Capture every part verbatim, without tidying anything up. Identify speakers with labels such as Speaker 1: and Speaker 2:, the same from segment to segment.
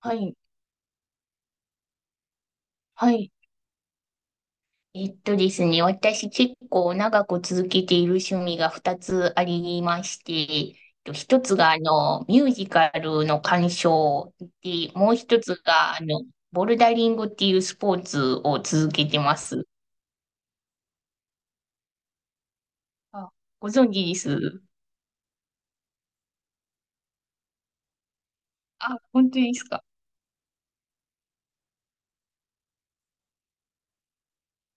Speaker 1: はい、はい。えっとですね、私結構長く続けている趣味がふたつありまして、えっとひとつがあのミュージカルの鑑賞で、もうひとつがあのボルダリングっていうスポーツを続けてます。あ、ご存知です？あ、本当ですか？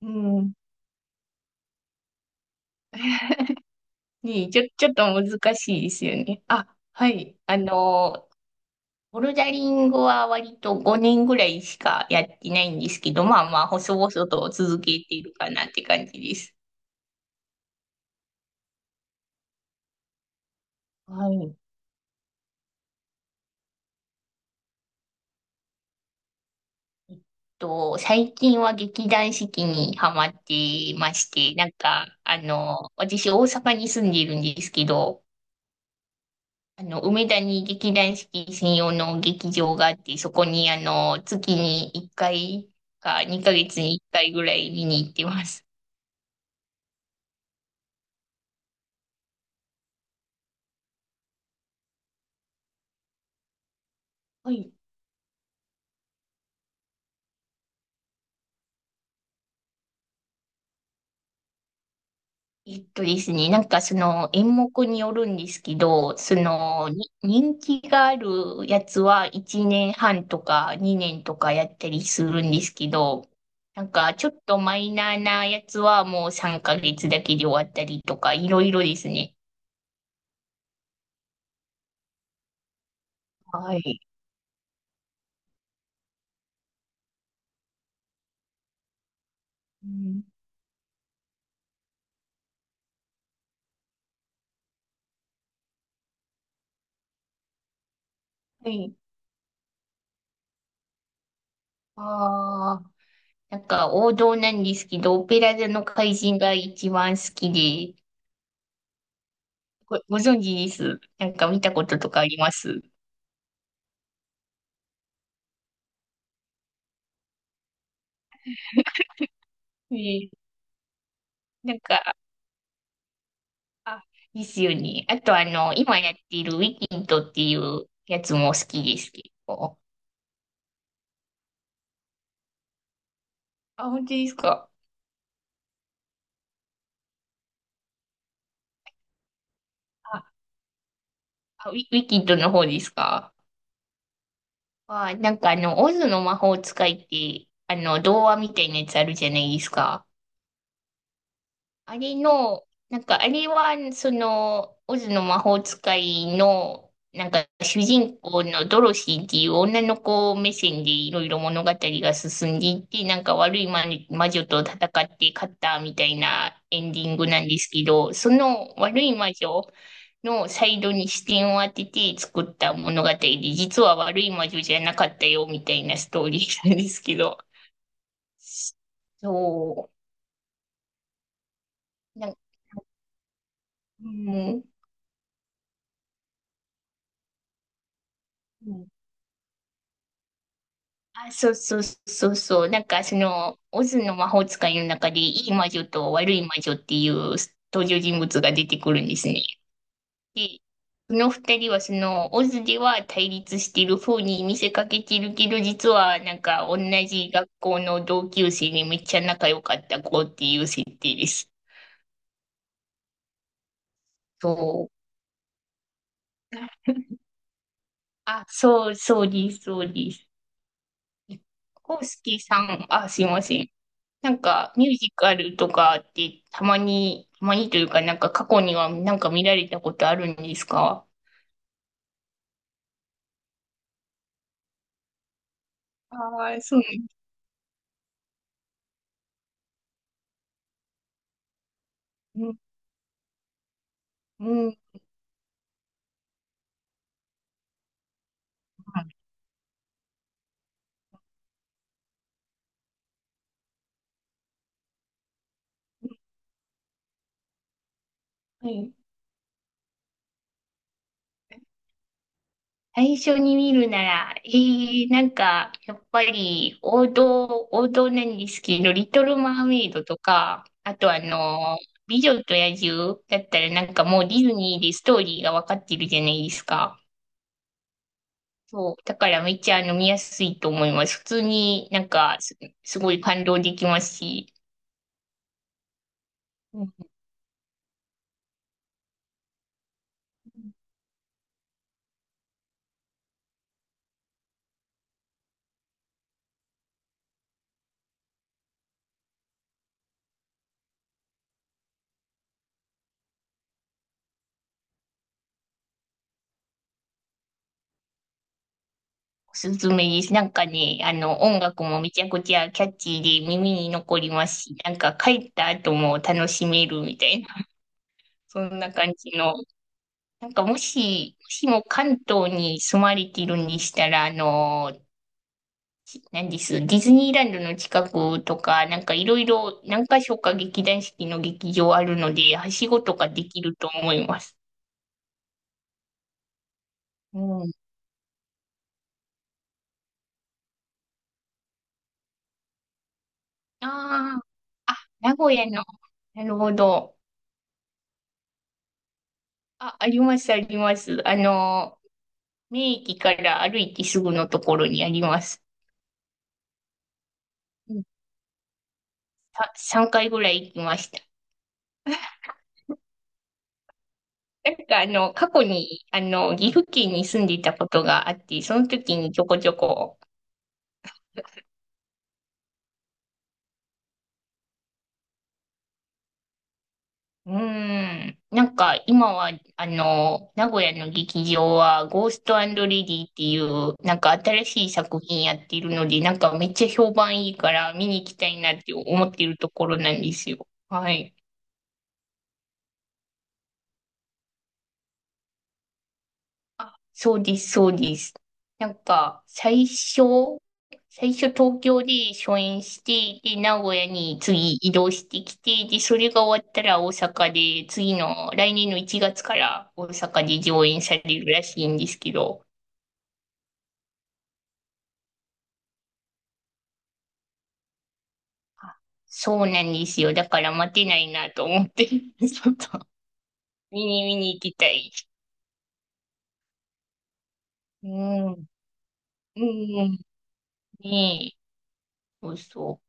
Speaker 1: うん。ねえ、ちょ、ちょっと難しいですよね。あ、はい。あの、ボルダリングは割とごねんぐらいしかやってないんですけど、まあまあ、細々と続けているかなって感じです。はい。えっと、最近は劇団四季にハマっていまして、なんか、あの、私大阪に住んでいるんですけど、あの、梅田に劇団四季専用の劇場があって、そこにあの、月にいっかいかにかげつにいっかいぐらい見に行ってます。はい。えっとですね、なんかその演目によるんですけど、そのに人気があるやつはいちねんはんとかにねんとかやったりするんですけど、なんかちょっとマイナーなやつはもうさんかげつだけで終わったりとか、いろいろですね。はい。うん、はい。ああ、なんか王道なんですけど、オペラ座の怪人が一番好きで、ご、ご存知です？なんか見たこととかあります？ええ、なんか、あ、ですよね。あと、あの、今やっているウィキントっていうやつも好きです、結構。あ、本当ですか。あ、あウィ、ウィキントの方ですか？あ、なんかあの、オズの魔法使いって、あの、童話みたいなやつあるじゃないですか。あれの、なんかあれは、その、オズの魔法使いの、なんか主人公のドロシーっていう女の子目線でいろいろ物語が進んでいって、なんか悪い魔魔女と戦って勝ったみたいなエンディングなんですけど、その悪い魔女のサイドに視点を当てて作った物語で、実は悪い魔女じゃなかったよみたいなストーリーなんですけど、そう、なんか、うん、あ、そうそうそうそう。なんかその、オズの魔法使いの中で、いい魔女と悪い魔女っていう登場人物が出てくるんですね。で、その二人はその、オズでは対立してる風に見せかけてるけど、実はなんか同じ学校の同級生にめっちゃ仲良かった子っていう設定です。そう。あ、そう、そうです、そうです。コウスケさん、あ、すいません。なんか、ミュージカルとかってたまに、たまにというか、なんか過去にはなんか見られたことあるんですか？ああ、そうなんですね。うん、うん、はい。最初に見るなら、えー、なんか、やっぱり王道、王道なんですけど、リトル・マーメイドとか、あとあの、美女と野獣だったらなんかもうディズニーでストーリーがわかってるじゃないですか。そう。だからめっちゃ飲みやすいと思います。普通になんかす、すごい感動できますし、うん、おすすめです。なんかね、あの、音楽もめちゃくちゃキャッチーで耳に残りますし、なんか帰った後も楽しめるみたいな、そんな感じの。なんかもし、もしも関東に住まれているんでしたら、あの、なんです、ディズニーランドの近くとか、なんかいろいろ何か所か劇団四季の劇場あるので、はしごとかできると思います。うん。ああ、あ、名古屋の。なるほど。あ、あります、あります。あの、名駅から歩いてすぐのところにあります。うん、さ、さんかいぐらい行きました。なんかあの、過去に、あの、岐阜県に住んでいたことがあって、その時にちょこちょこ、うーん。なんか今は、あの、名古屋の劇場は、ゴーストレディっていう、なんか新しい作品やってるので、なんかめっちゃ評判いいから見に行きたいなって思ってるところなんですよ。はい。あ、そうです、そうです。なんか、最初、最初東京で初演して、で、名古屋に次移動してきて、で、それが終わったら大阪で、次の来年のいちがつから大阪で上演されるらしいんですけど、あ、そうなんですよ。だから待てないなと思って、ちょっと見に見に行きたい。うん、うん、ねえ、そうそう。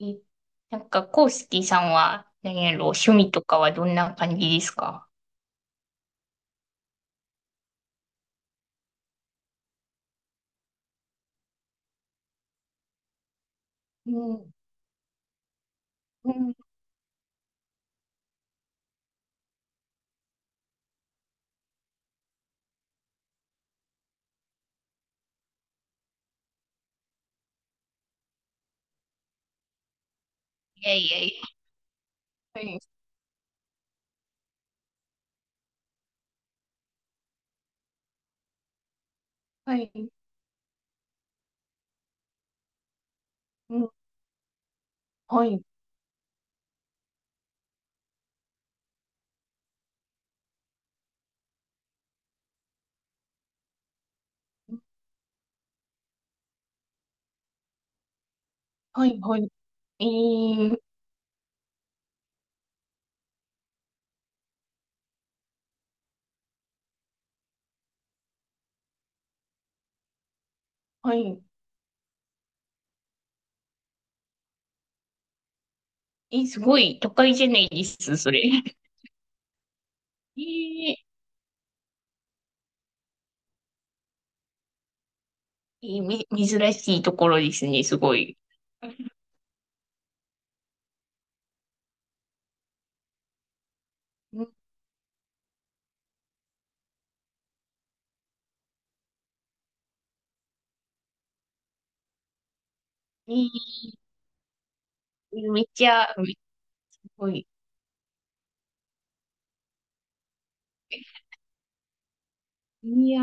Speaker 1: えなんか、コウスキーさんは、何やろ、趣味とかはどんな感じですか？うん、うん、いやいやいや、はい、はい、うん、はい、はい、はい、えー、はい、え、すごい都会じゃないです、それ。えー、えーみ、珍しいところですね、すごい。うん、えー、めっちゃ、めすごい。いや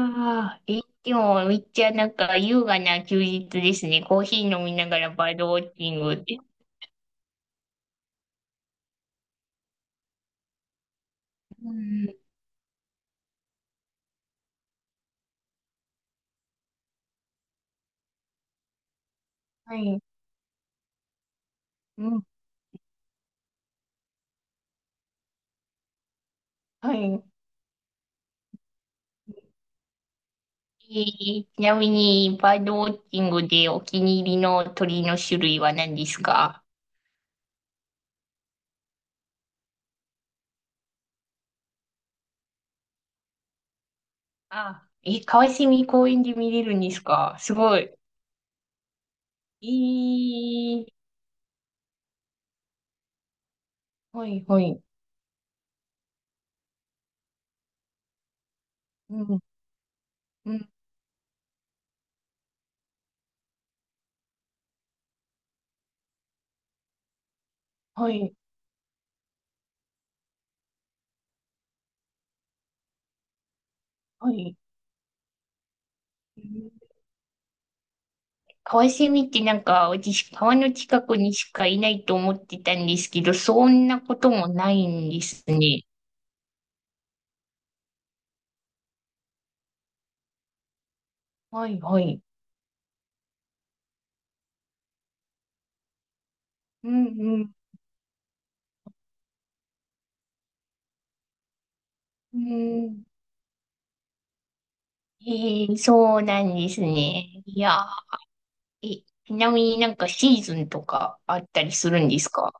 Speaker 1: ー、え、でもめっちゃなんか優雅な休日ですね。コーヒー飲みながらバードウォッチング。うん。はい。うん。はい。えーちなみに、バードウォッチングでお気に入りの鳥の種類は何ですか？あ、え、川蝉公園で見れるんですか？すごい。えー、はい。はい。うん。うん。はい。はい。カワセミってなんか、私、川の近くにしかいないと思ってたんですけど、そんなこともないんですね。はい。はい。うん。うん。うん。ええ、そうなんですね。いやー、え、ちなみになんかシーズンとかあったりするんですか？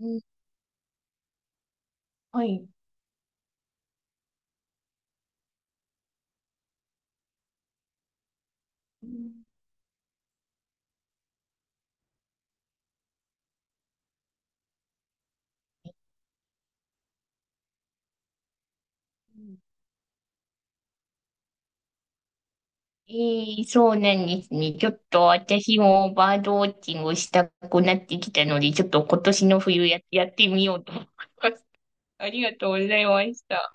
Speaker 1: うん、はい。うん、ええ、そうなんですね。ちょっと私もバードウォッチングをしたくなってきたので、ちょっと今年の冬や、やってみようと思います。ありがとうございました。